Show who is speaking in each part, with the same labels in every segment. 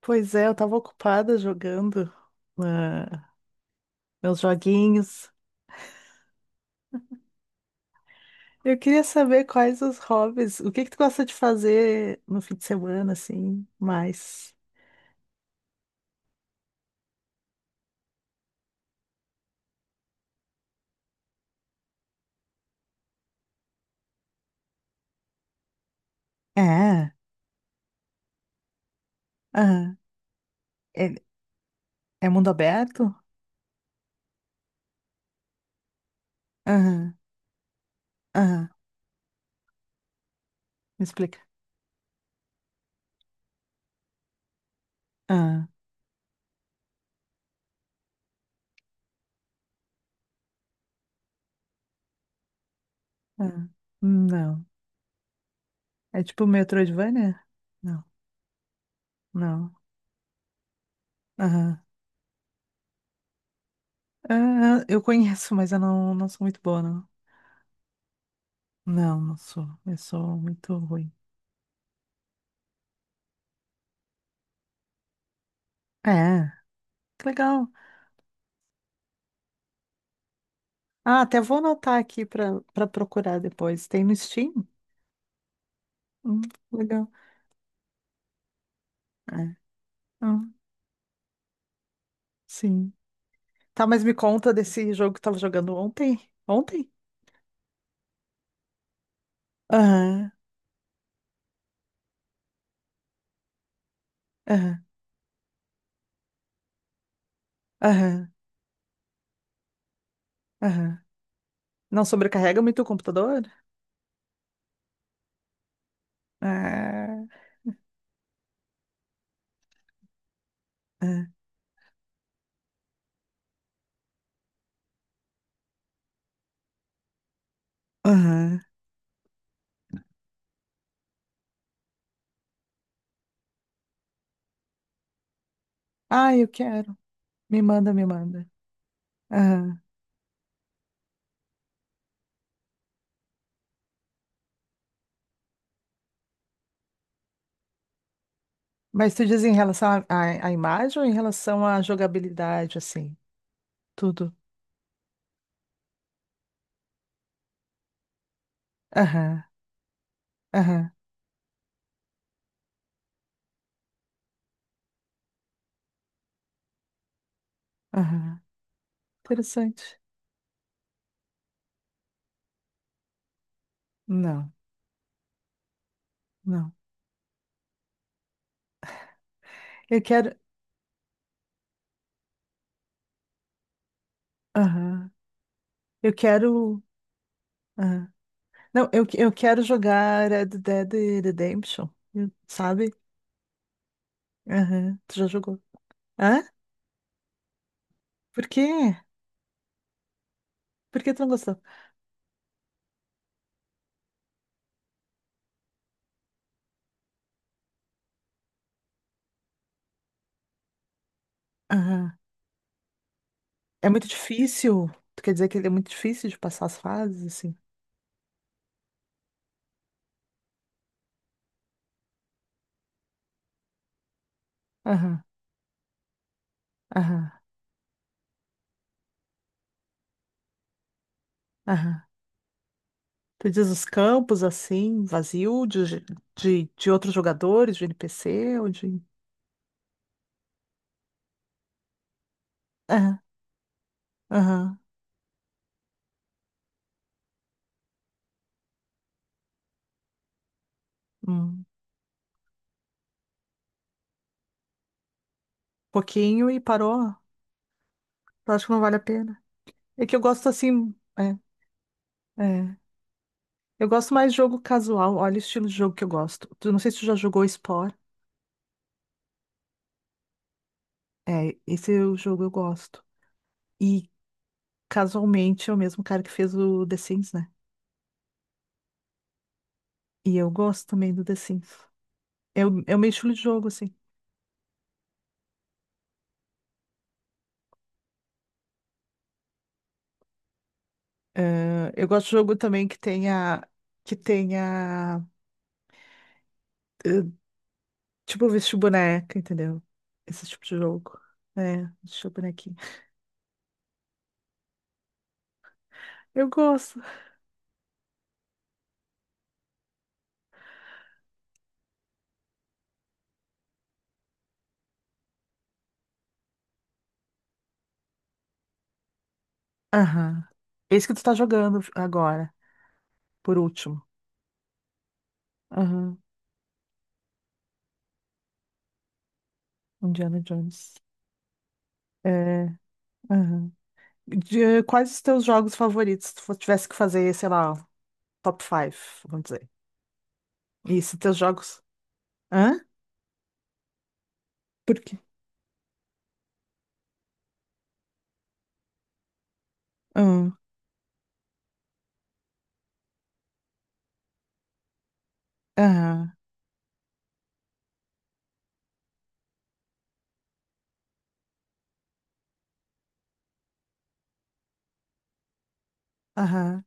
Speaker 1: Pois é, eu tava ocupada jogando ah, meus joguinhos. Eu queria saber quais os hobbies, o que que tu gosta de fazer no fim de semana, assim, mais? É, aham. É, é mundo aberto? Aham, aham. Me explica. Aham, aham. Não. É tipo Metroidvania? Não, não. Aham. Aham, eu conheço, mas eu não sou muito boa, não. Não, não sou. Eu sou muito ruim. É, que legal. Ah, até vou anotar aqui para procurar depois. Tem no Steam? Hum, legal. É. Ah, sim. Tá, mas me conta desse jogo que tava jogando ontem. Ontem? Aham, aham, aham, aham. Não sobrecarrega muito o computador? Ah, ah, aham. Ah, eu quero. Me manda, me manda. Aham. Mas tu diz em relação à imagem ou em relação à jogabilidade, assim? Tudo. Aham, aham, aham. Interessante. Não, não. Eu quero. Aham. Eu quero. Aham. Não, eu quero jogar Red Dead Redemption, sabe? Aham. Tu já jogou? Hã? Por quê? Por que tu não gostou? Aham. É muito difícil. Tu quer dizer que ele é muito difícil de passar as fases, assim? Aham, aham, aham. Tu diz os campos, assim, vazio, de outros jogadores, de NPC, ou de... Aham, aham. Hum. Pouquinho e parou. Eu acho que não vale a pena. É que eu gosto, assim... é. É. Eu gosto mais de jogo casual. Olha o estilo de jogo que eu gosto. Tu não sei se tu já jogou Spore. É, esse é o jogo eu gosto. E casualmente é o mesmo cara que fez o The Sims, né? E eu gosto também do The Sims. É o meu estilo de jogo, assim. Ah, eu gosto de jogo também que tenha, eh, tipo, vestir boneca, entendeu? Esse tipo de jogo. É, vestir bonequinho. Eu gosto. Aham. Esse que tu tá jogando agora, por último. Aham. Indiana Jones. É, aham. De, quais os teus jogos favoritos? Se tivesse que fazer, sei lá, top 5, vamos dizer. E se teus jogos. Hã? Por quê? Hum, Aham. Aham.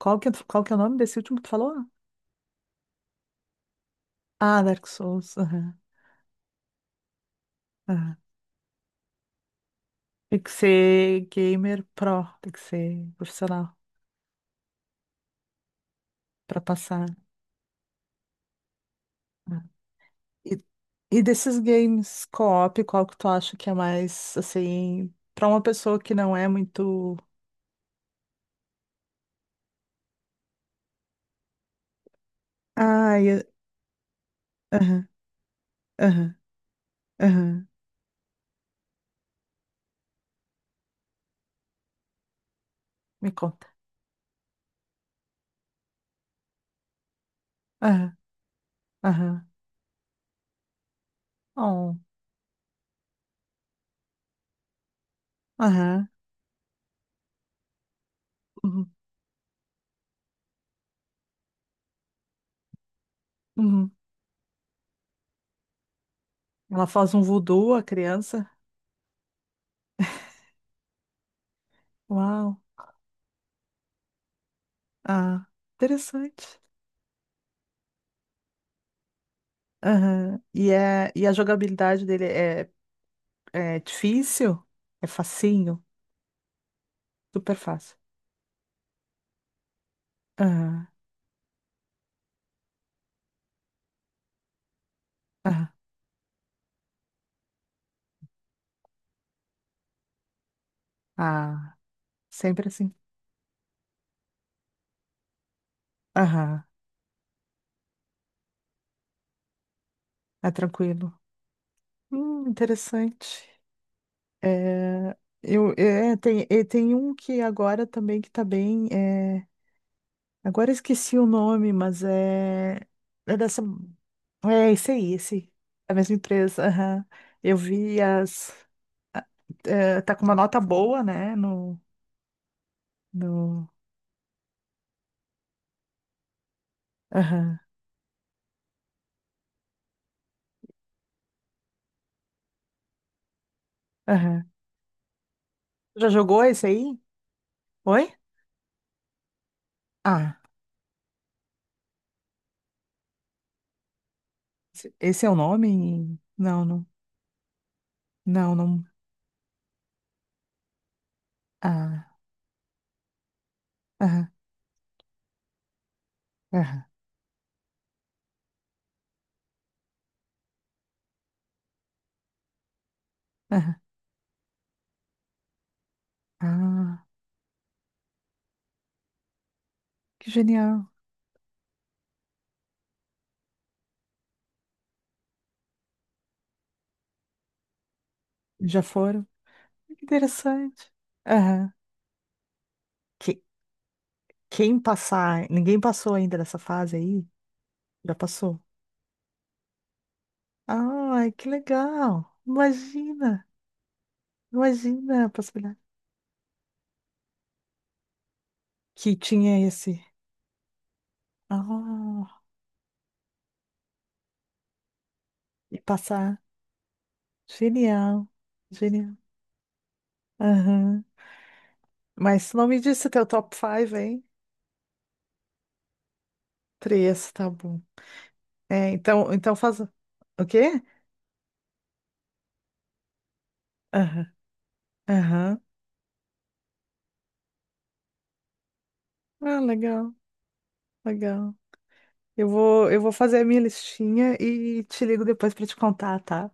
Speaker 1: Qual qual que é o nome desse último que tu falou? Ah, Dark Souls. Aham. Aham. Tem que ser gamer pro, tem que ser profissional pra passar. Ah. E, e desses games co-op, qual que tu acha que é mais, assim, pra uma pessoa que não é muito. Ah, aham, aham, aham. Me conta. Aham, aham. Oh, aham. Uhum, uhum. Ela faz um voodoo, a criança. Uau. Ah, interessante. Aham. E, é, e a jogabilidade dele é, é difícil? É facinho? Super fácil. Aham, aham. Ah, sempre assim. Aham. É tranquilo. Interessante. É, eu, é, tem, e tem um que agora também que tá bem. É, agora eu esqueci o nome, mas é. É dessa. É esse aí, esse. A mesma empresa, aham. Eu vi as. Tá com uma nota boa, né? No. No... Aham, aham. Já jogou esse aí? Oi? Ah, esse esse é o nome? Não, não. Não, não. Ah, aham, aham, aham. Ah, que genial. Já foram? Que interessante. Aham. Que, quem passar. Ninguém passou ainda dessa fase aí? Já passou? Ai, que legal. Imagina. Imagina a possibilidade que tinha esse. Ah, e passar. Genial, genial. Aham. Mas tu não me disse teu top 5, hein? Três, tá bom. É, então, então faz. O quê? Aham, aham. Ah, legal, legal. Eu vou fazer a minha listinha e te ligo depois pra te contar, tá?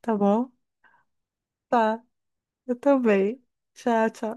Speaker 1: Tá bom? Tá, eu também. Tchau, tchau.